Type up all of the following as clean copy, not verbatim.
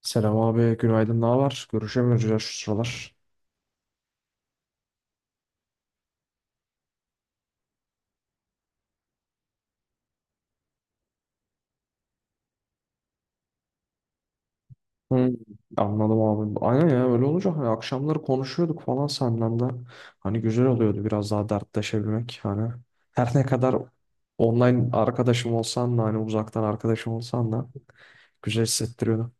Selam abi, günaydın, ne var? Görüşemiyoruz ya şu sıralar. Hmm. Anladım abi. Aynen ya öyle olunca hani akşamları konuşuyorduk falan senden de. Hani güzel oluyordu biraz daha dertleşebilmek. Hani her ne kadar online arkadaşım olsan da hani uzaktan arkadaşım olsan da güzel hissettiriyordu.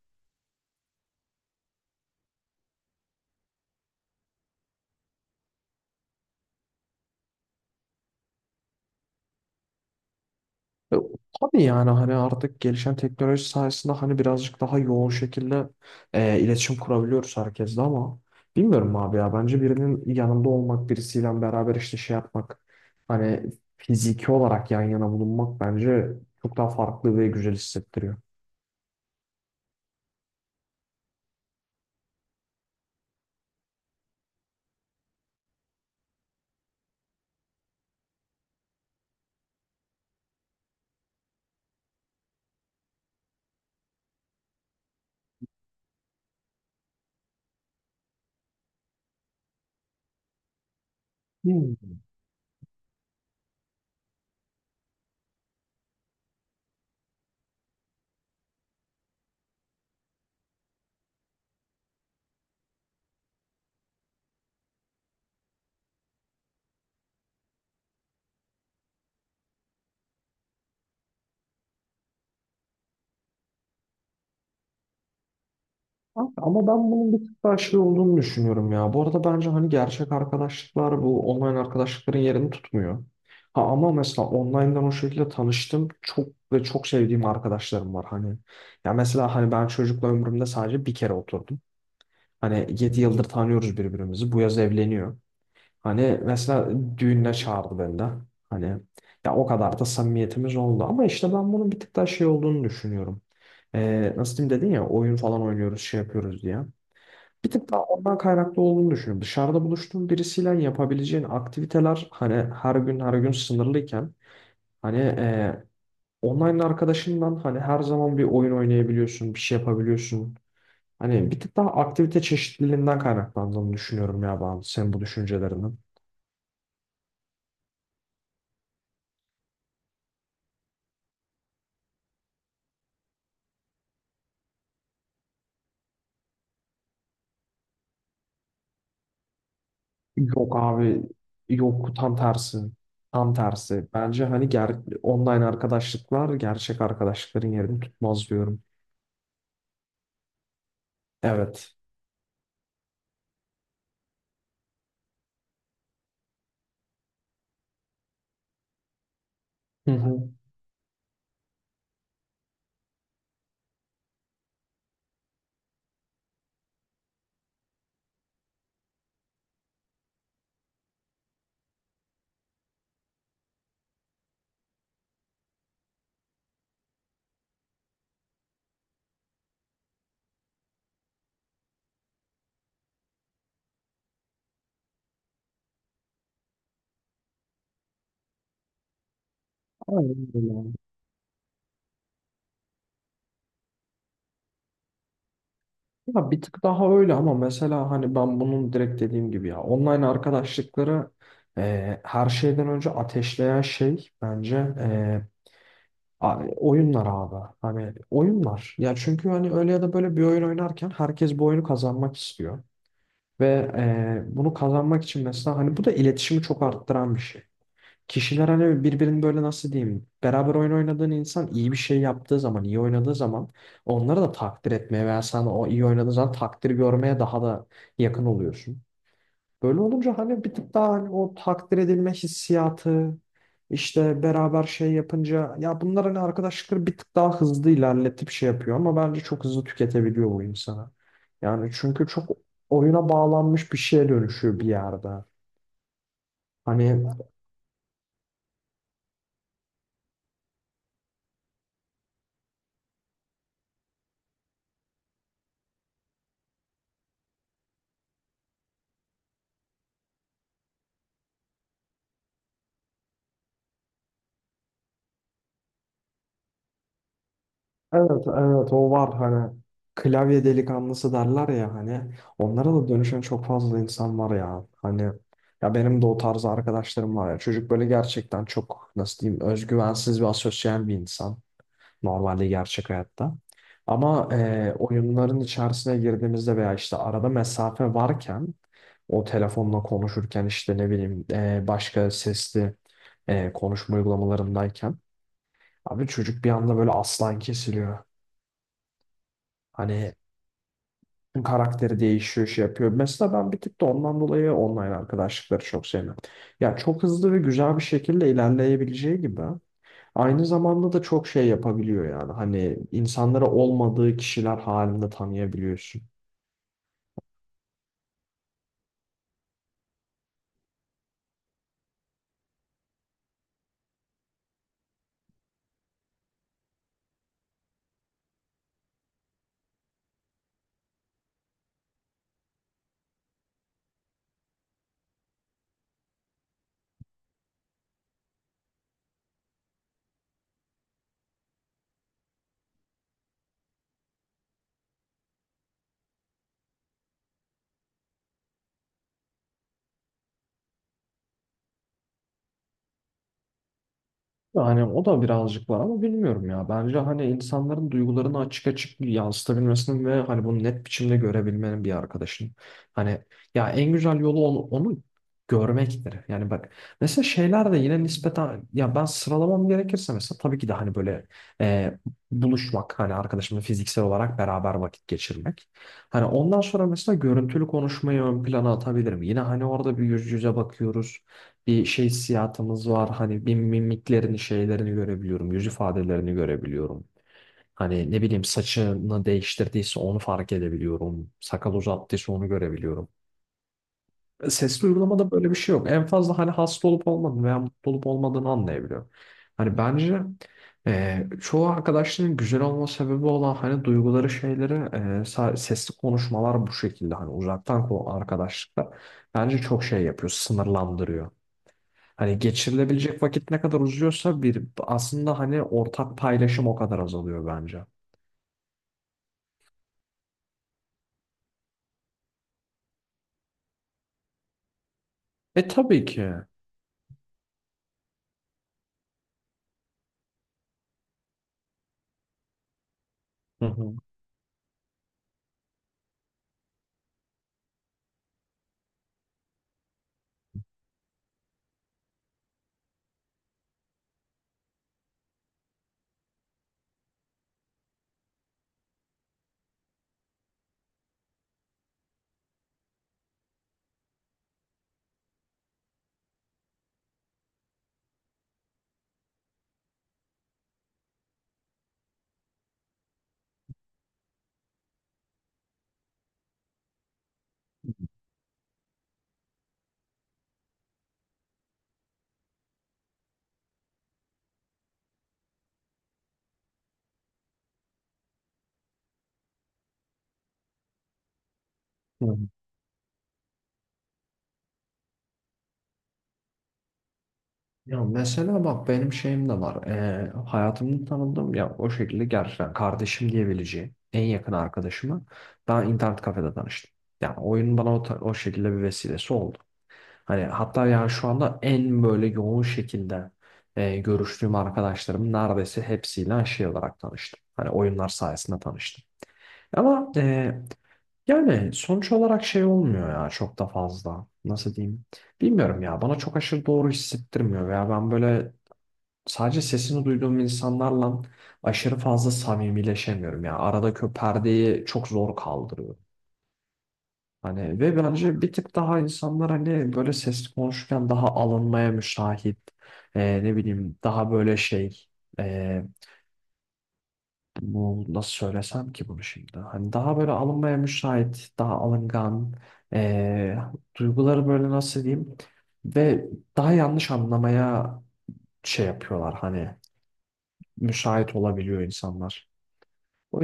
E, Tabii yani hani artık gelişen teknoloji sayesinde hani birazcık daha yoğun şekilde iletişim kurabiliyoruz herkesle ama bilmiyorum abi ya bence birinin yanında olmak birisiyle beraber işte şey yapmak hani fiziki olarak yan yana bulunmak bence çok daha farklı ve güzel hissettiriyor. Hmm. Ama ben bunun bir tık daha şey olduğunu düşünüyorum ya. Bu arada bence hani gerçek arkadaşlıklar bu online arkadaşlıkların yerini tutmuyor. Ha ama mesela online'dan o şekilde tanıştım. Çok ve çok sevdiğim arkadaşlarım var hani. Ya mesela hani ben çocukla ömrümde sadece bir kere oturdum. Hani 7 yıldır tanıyoruz birbirimizi. Bu yaz evleniyor. Hani mesela düğününe çağırdı beni de. Hani ya o kadar da samimiyetimiz oldu. Ama işte ben bunun bir tık daha şey olduğunu düşünüyorum. Nasıl diyeyim dedin ya oyun falan oynuyoruz şey yapıyoruz diye. Bir tık daha ondan kaynaklı olduğunu düşünüyorum. Dışarıda buluştuğun birisiyle yapabileceğin aktiviteler hani her gün her gün sınırlıyken hani online arkadaşından hani her zaman bir oyun oynayabiliyorsun, bir şey yapabiliyorsun. Hani bir tık daha aktivite çeşitliliğinden kaynaklandığını düşünüyorum ya ben senin bu düşüncelerinin. Yok abi yok tam tersi. Tam tersi. Bence hani online arkadaşlıklar gerçek arkadaşlıkların yerini tutmaz diyorum. Evet. Hı hı. Aynen öyle. Ya bir tık daha öyle ama mesela hani ben bunun direkt dediğim gibi ya online arkadaşlıkları her şeyden önce ateşleyen şey bence oyunlar abi. Hani oyunlar. Ya çünkü hani öyle ya da böyle bir oyun oynarken herkes bu oyunu kazanmak istiyor. Ve bunu kazanmak için mesela hani bu da iletişimi çok arttıran bir şey. Kişiler hani birbirini böyle nasıl diyeyim beraber oyun oynadığın insan iyi bir şey yaptığı zaman iyi oynadığı zaman onları da takdir etmeye veya sen o iyi oynadığın zaman takdir görmeye daha da yakın oluyorsun. Böyle olunca hani bir tık daha hani o takdir edilme hissiyatı işte beraber şey yapınca ya bunlar hani arkadaşlıkları bir tık daha hızlı ilerletip şey yapıyor ama bence çok hızlı tüketebiliyor bu insana. Yani çünkü çok oyuna bağlanmış bir şeye dönüşüyor bir yerde. Hani evet evet o var hani klavye delikanlısı derler ya hani onlara da dönüşen çok fazla insan var ya hani ya benim de o tarz arkadaşlarım var ya çocuk böyle gerçekten çok nasıl diyeyim özgüvensiz ve asosyal bir insan normalde gerçek hayatta ama oyunların içerisine girdiğimizde veya işte arada mesafe varken o telefonla konuşurken işte ne bileyim başka sesli konuşma uygulamalarındayken abi çocuk bir anda böyle aslan kesiliyor. Hani karakteri değişiyor, şey yapıyor. Mesela ben bir tık da ondan dolayı online arkadaşlıkları çok sevmem. Ya çok hızlı ve güzel bir şekilde ilerleyebileceği gibi aynı zamanda da çok şey yapabiliyor yani. Hani insanları olmadığı kişiler halinde tanıyabiliyorsun. Yani o da birazcık var ama bilmiyorum ya. Bence hani insanların duygularını açık açık yansıtabilmesinin ve hani bunu net biçimde görebilmenin bir arkadaşın. Hani ya en güzel yolu onu, onu görmektir. Yani bak mesela şeyler de yine nispeten ya ben sıralamam gerekirse mesela tabii ki de hani böyle e, buluşmak hani arkadaşımla fiziksel olarak beraber vakit geçirmek. Hani ondan sonra mesela görüntülü konuşmayı ön plana atabilirim. Yine hani orada bir yüz yüze bakıyoruz bir şey hissiyatımız var. Hani bir mimiklerini, şeylerini görebiliyorum. Yüz ifadelerini görebiliyorum. Hani ne bileyim saçını değiştirdiyse onu fark edebiliyorum. Sakal uzattıysa onu görebiliyorum. Sesli uygulamada böyle bir şey yok. En fazla hani hasta olup olmadığını veya mutlu olup olmadığını anlayabiliyorum. Hani bence çoğu arkadaşların güzel olma sebebi olan hani duyguları şeyleri sesli konuşmalar bu şekilde hani uzaktan arkadaşlıkta bence çok şey yapıyor, sınırlandırıyor. Hani geçirilebilecek vakit ne kadar uzuyorsa bir aslında hani ortak paylaşım o kadar azalıyor bence. E tabii ki. Hı hı. Hı hı. Ya mesela bak benim şeyim de var. E, hayatımda tanıdığım ya o şekilde gerçekten kardeşim diyebileceğim en yakın arkadaşımı ben internet kafede tanıştım. Yani oyun bana o şekilde bir vesilesi oldu. Hani hatta yani şu anda en böyle yoğun şekilde görüştüğüm arkadaşlarım neredeyse hepsiyle şey olarak tanıştım. Hani oyunlar sayesinde tanıştım. Ama e, Yani sonuç olarak şey olmuyor ya çok da fazla. Nasıl diyeyim? Bilmiyorum ya. Bana çok aşırı doğru hissettirmiyor veya ben böyle sadece sesini duyduğum insanlarla aşırı fazla samimileşemiyorum ya. Aradaki o perdeyi çok zor kaldırıyor. Hani ve bence bir tık daha insanlar hani böyle sesli konuşurken daha alınmaya müsait. Ne bileyim daha böyle e, bu nasıl söylesem ki bunu şimdi? Hani daha böyle alınmaya müsait, daha alıngan, eee, duyguları böyle nasıl diyeyim? Ve daha yanlış anlamaya şey yapıyorlar hani müsait olabiliyor insanlar. O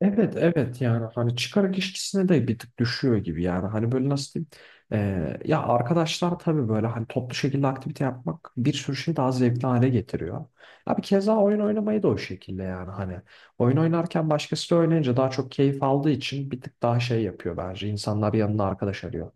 evet evet yani hani çıkarak işçisine de bir tık düşüyor gibi yani hani böyle nasıl diyeyim ya arkadaşlar tabii böyle hani toplu şekilde aktivite yapmak bir sürü şeyi daha zevkli hale getiriyor. Abi keza oyun oynamayı da o şekilde yani hani oyun oynarken başkası da oynayınca daha çok keyif aldığı için bir tık daha şey yapıyor bence insanlar yanına arkadaş arıyor.